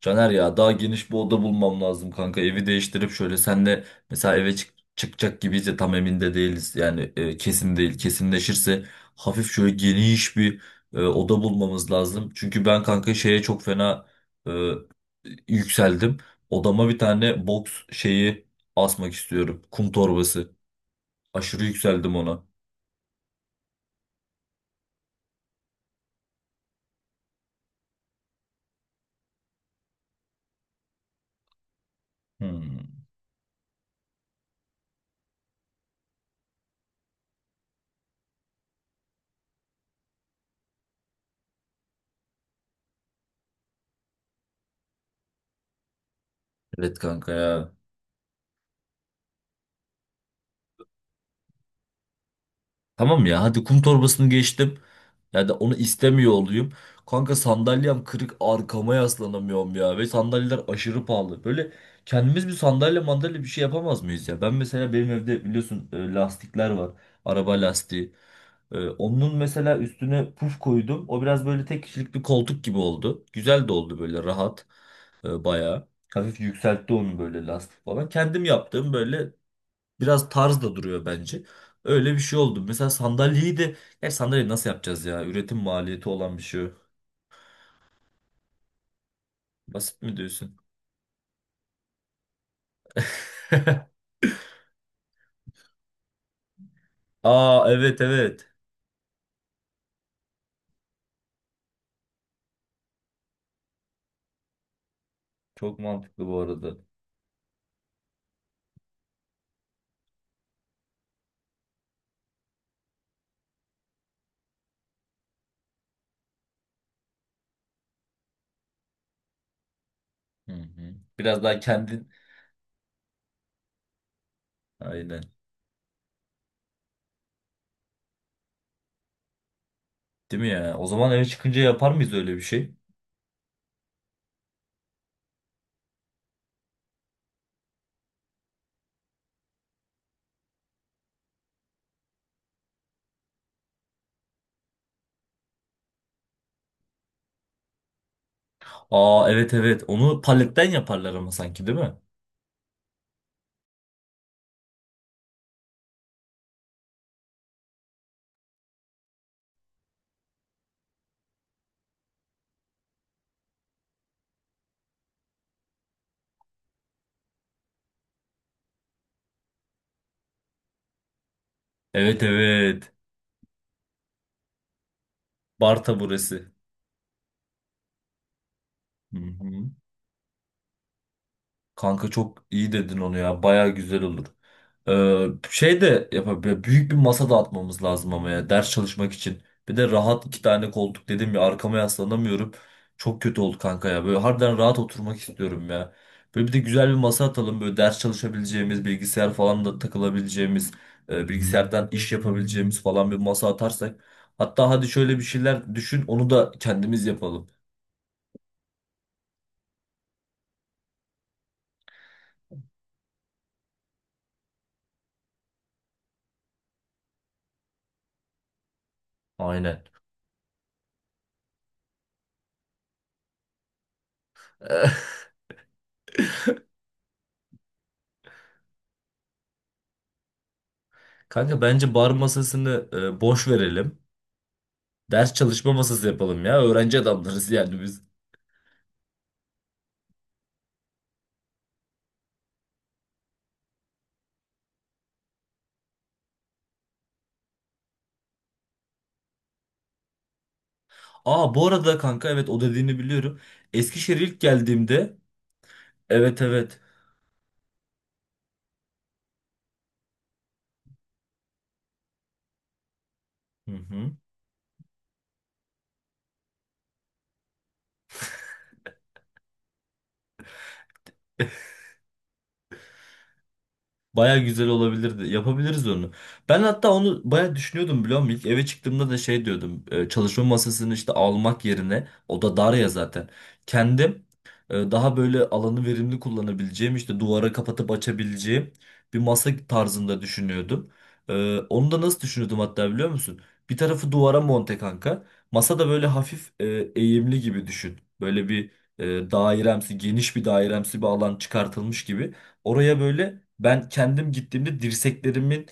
Caner ya daha geniş bir oda bulmam lazım kanka. Evi değiştirip şöyle senle mesela eve çıkacak gibiyiz de tam emin de değiliz. Yani kesin değil. Kesinleşirse hafif şöyle geniş bir oda bulmamız lazım. Çünkü ben kanka şeye çok fena e, yükseldim. Odama bir tane box şeyi asmak istiyorum. Kum torbası. Aşırı yükseldim ona. Hmm. Evet kanka ya. Tamam ya, hadi kum torbasını geçtim. Ya da onu istemiyor olayım. Kanka sandalyem kırık, arkama yaslanamıyorum ya. Ve sandalyeler aşırı pahalı. Böyle kendimiz bir sandalye mandalye bir şey yapamaz mıyız ya? Ben mesela benim evde biliyorsun lastikler var. Araba lastiği. Onun mesela üstüne puf koydum. O biraz böyle tek kişilik bir koltuk gibi oldu. Güzel de oldu, böyle rahat. Bayağı. Hafif yükseltti onu böyle, lastik falan. Kendim yaptığım böyle, biraz tarz da duruyor bence. Öyle bir şey oldu. Mesela sandalyeyi de... Ya sandalyeyi nasıl yapacağız ya? Üretim maliyeti olan bir şey o. Basit mi diyorsun? Aa evet, evet. Çok mantıklı bu arada. Hı hı. Biraz daha kendin... Aynen. Değil mi ya? O zaman eve çıkınca yapar mıyız öyle bir şey? Aa evet, evet. Onu paletten yaparlar ama sanki, değil mi? Evet, evet. Bar taburesi. Hı hı. Kanka çok iyi dedin onu ya. Baya güzel olur. Şey de yapabilir. Büyük bir masa dağıtmamız lazım ama ya, ders çalışmak için. Bir de rahat iki tane koltuk dedim ya, arkama yaslanamıyorum. Çok kötü oldu kanka ya. Böyle harbiden rahat oturmak istiyorum ya. Böyle bir de güzel bir masa atalım. Böyle ders çalışabileceğimiz, bilgisayar falan da takılabileceğimiz, bilgisayardan iş yapabileceğimiz falan bir masa atarsak. Hatta hadi şöyle bir şeyler düşün, onu da kendimiz yapalım. Aynen. Kanka bence bar masasını boş verelim. Ders çalışma masası yapalım ya. Öğrenci adamlarız yani biz. Aa bu arada kanka, evet o dediğini biliyorum. Eskişehir'e ilk geldiğimde evet, evet. Hı hı. Baya güzel olabilirdi. Yapabiliriz onu. Ben hatta onu baya düşünüyordum, biliyor musun? İlk eve çıktığımda da şey diyordum. Çalışma masasını işte almak yerine, o da dar ya zaten. Kendim daha böyle alanı verimli kullanabileceğim, işte duvara kapatıp açabileceğim bir masa tarzında düşünüyordum. Onu da nasıl düşünüyordum hatta, biliyor musun? Bir tarafı duvara monte kanka. Masa da böyle hafif eğimli gibi düşün. Böyle bir dairemsi, geniş bir dairemsi bir alan çıkartılmış gibi. Oraya böyle ben kendim gittiğimde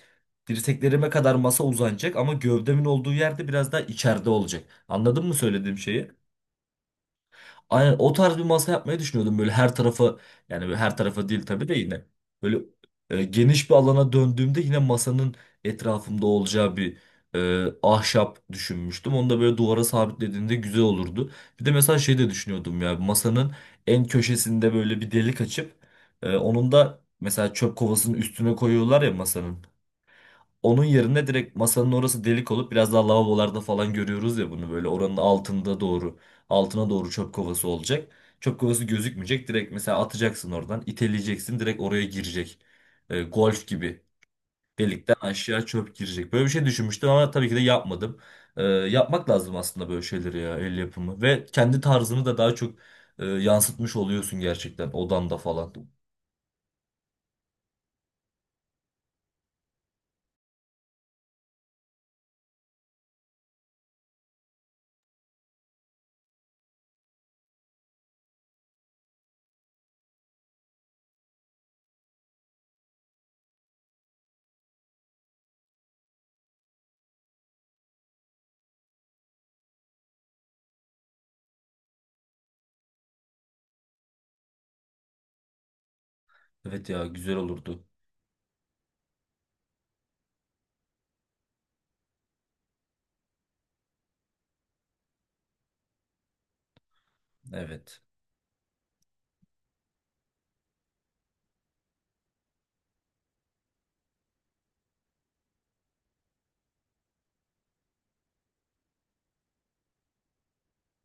dirseklerime kadar masa uzanacak, ama gövdemin olduğu yerde biraz daha içeride olacak. Anladın mı söylediğim şeyi? Aynen, o tarz bir masa yapmayı düşünüyordum. Böyle her tarafı, yani böyle her tarafı değil tabii de, yine böyle geniş bir alana döndüğümde yine masanın etrafımda olacağı bir ahşap düşünmüştüm. Onu da böyle duvara sabitlediğinde güzel olurdu. Bir de mesela şey de düşünüyordum ya, masanın en köşesinde böyle bir delik açıp onun da mesela çöp kovasının üstüne koyuyorlar ya masanın. Onun yerine direkt masanın orası delik olup, biraz daha lavabolarda falan görüyoruz ya bunu, böyle oranın altında doğru altına doğru çöp kovası olacak. Çöp kovası gözükmeyecek. Direkt mesela atacaksın, oradan iteleyeceksin, direkt oraya girecek. Golf gibi delikten aşağı çöp girecek. Böyle bir şey düşünmüştüm ama tabii ki de yapmadım. Yapmak lazım aslında böyle şeyleri ya, el yapımı ve kendi tarzını da daha çok yansıtmış oluyorsun gerçekten odanda falan. Evet ya, güzel olurdu. Evet.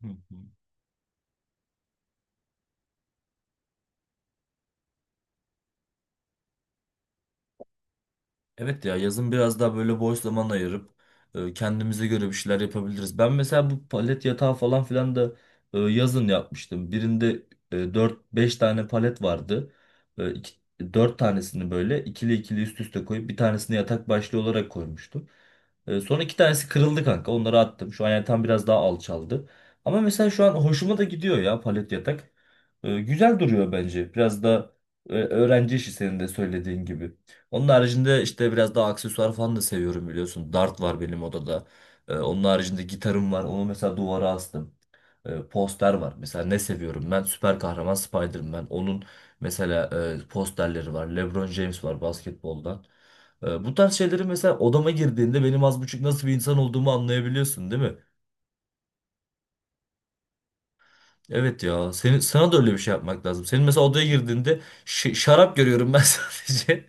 Hı hı. Evet ya, yazın biraz daha böyle boş zaman ayırıp kendimize göre bir şeyler yapabiliriz. Ben mesela bu palet yatağı falan filan da yazın yapmıştım. Birinde dört beş tane palet vardı. Dört tanesini böyle ikili ikili üst üste koyup, bir tanesini yatak başlığı olarak koymuştum. Sonra iki tanesi kırıldı kanka. Onları attım. Şu an yatağım biraz daha alçaldı. Ama mesela şu an hoşuma da gidiyor ya palet yatak. Güzel duruyor bence. Biraz da öğrenci işi, senin de söylediğin gibi. Onun haricinde işte biraz daha aksesuar falan da seviyorum, biliyorsun. Dart var benim odada. Onun haricinde gitarım var. Onu mesela duvara astım. Poster var. Mesela ne seviyorum ben? Süper kahraman Spider-Man. Onun mesela posterleri var. LeBron James var basketboldan. Bu tarz şeyleri mesela odama girdiğinde benim az buçuk nasıl bir insan olduğumu anlayabiliyorsun, değil mi? Evet ya. Sana da öyle bir şey yapmak lazım. Senin mesela odaya girdiğinde şarap görüyorum ben sadece.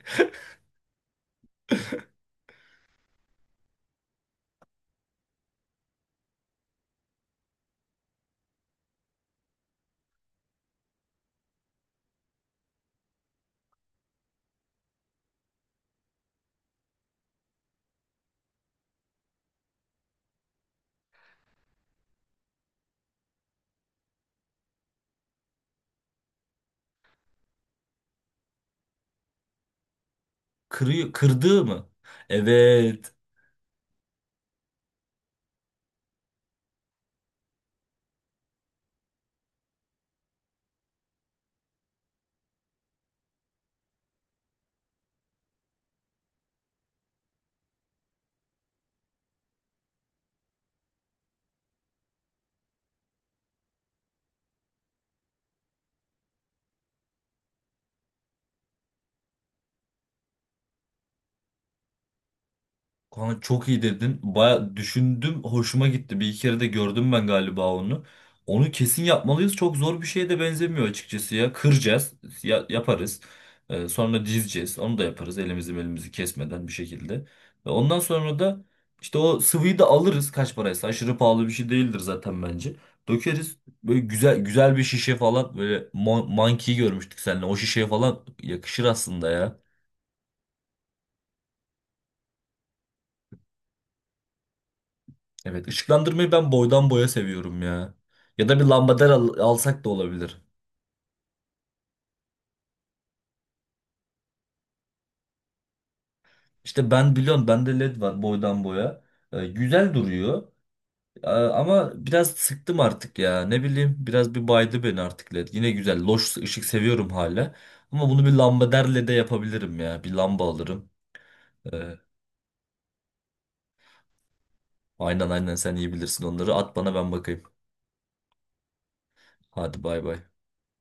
Kırıyor, kırdığı mı? Evet. Kanka çok iyi dedin. Baya düşündüm, hoşuma gitti. Bir iki kere de gördüm ben galiba onu. Onu kesin yapmalıyız. Çok zor bir şeye de benzemiyor açıkçası ya. Kıracağız, yaparız. Sonra dizeceğiz. Onu da yaparız elimizi belimizi kesmeden bir şekilde. Ve ondan sonra da işte o sıvıyı da alırız kaç paraysa. Aşırı pahalı bir şey değildir zaten bence. Dökeriz. Böyle güzel güzel bir şişe falan, böyle monkey görmüştük seninle. O şişeye falan yakışır aslında ya. Evet, ışıklandırmayı ben boydan boya seviyorum ya. Ya da bir lambader alsak da olabilir. İşte ben biliyorum, bende led var boydan boya. Güzel duruyor. Ama biraz sıktım artık ya. Ne bileyim, biraz bir baydı beni artık led. Yine güzel loş ışık seviyorum hala. Ama bunu bir lambader lede yapabilirim ya. Bir lamba alırım. Ee, aynen, sen iyi bilirsin onları. At bana, ben bakayım. Hadi bay bay.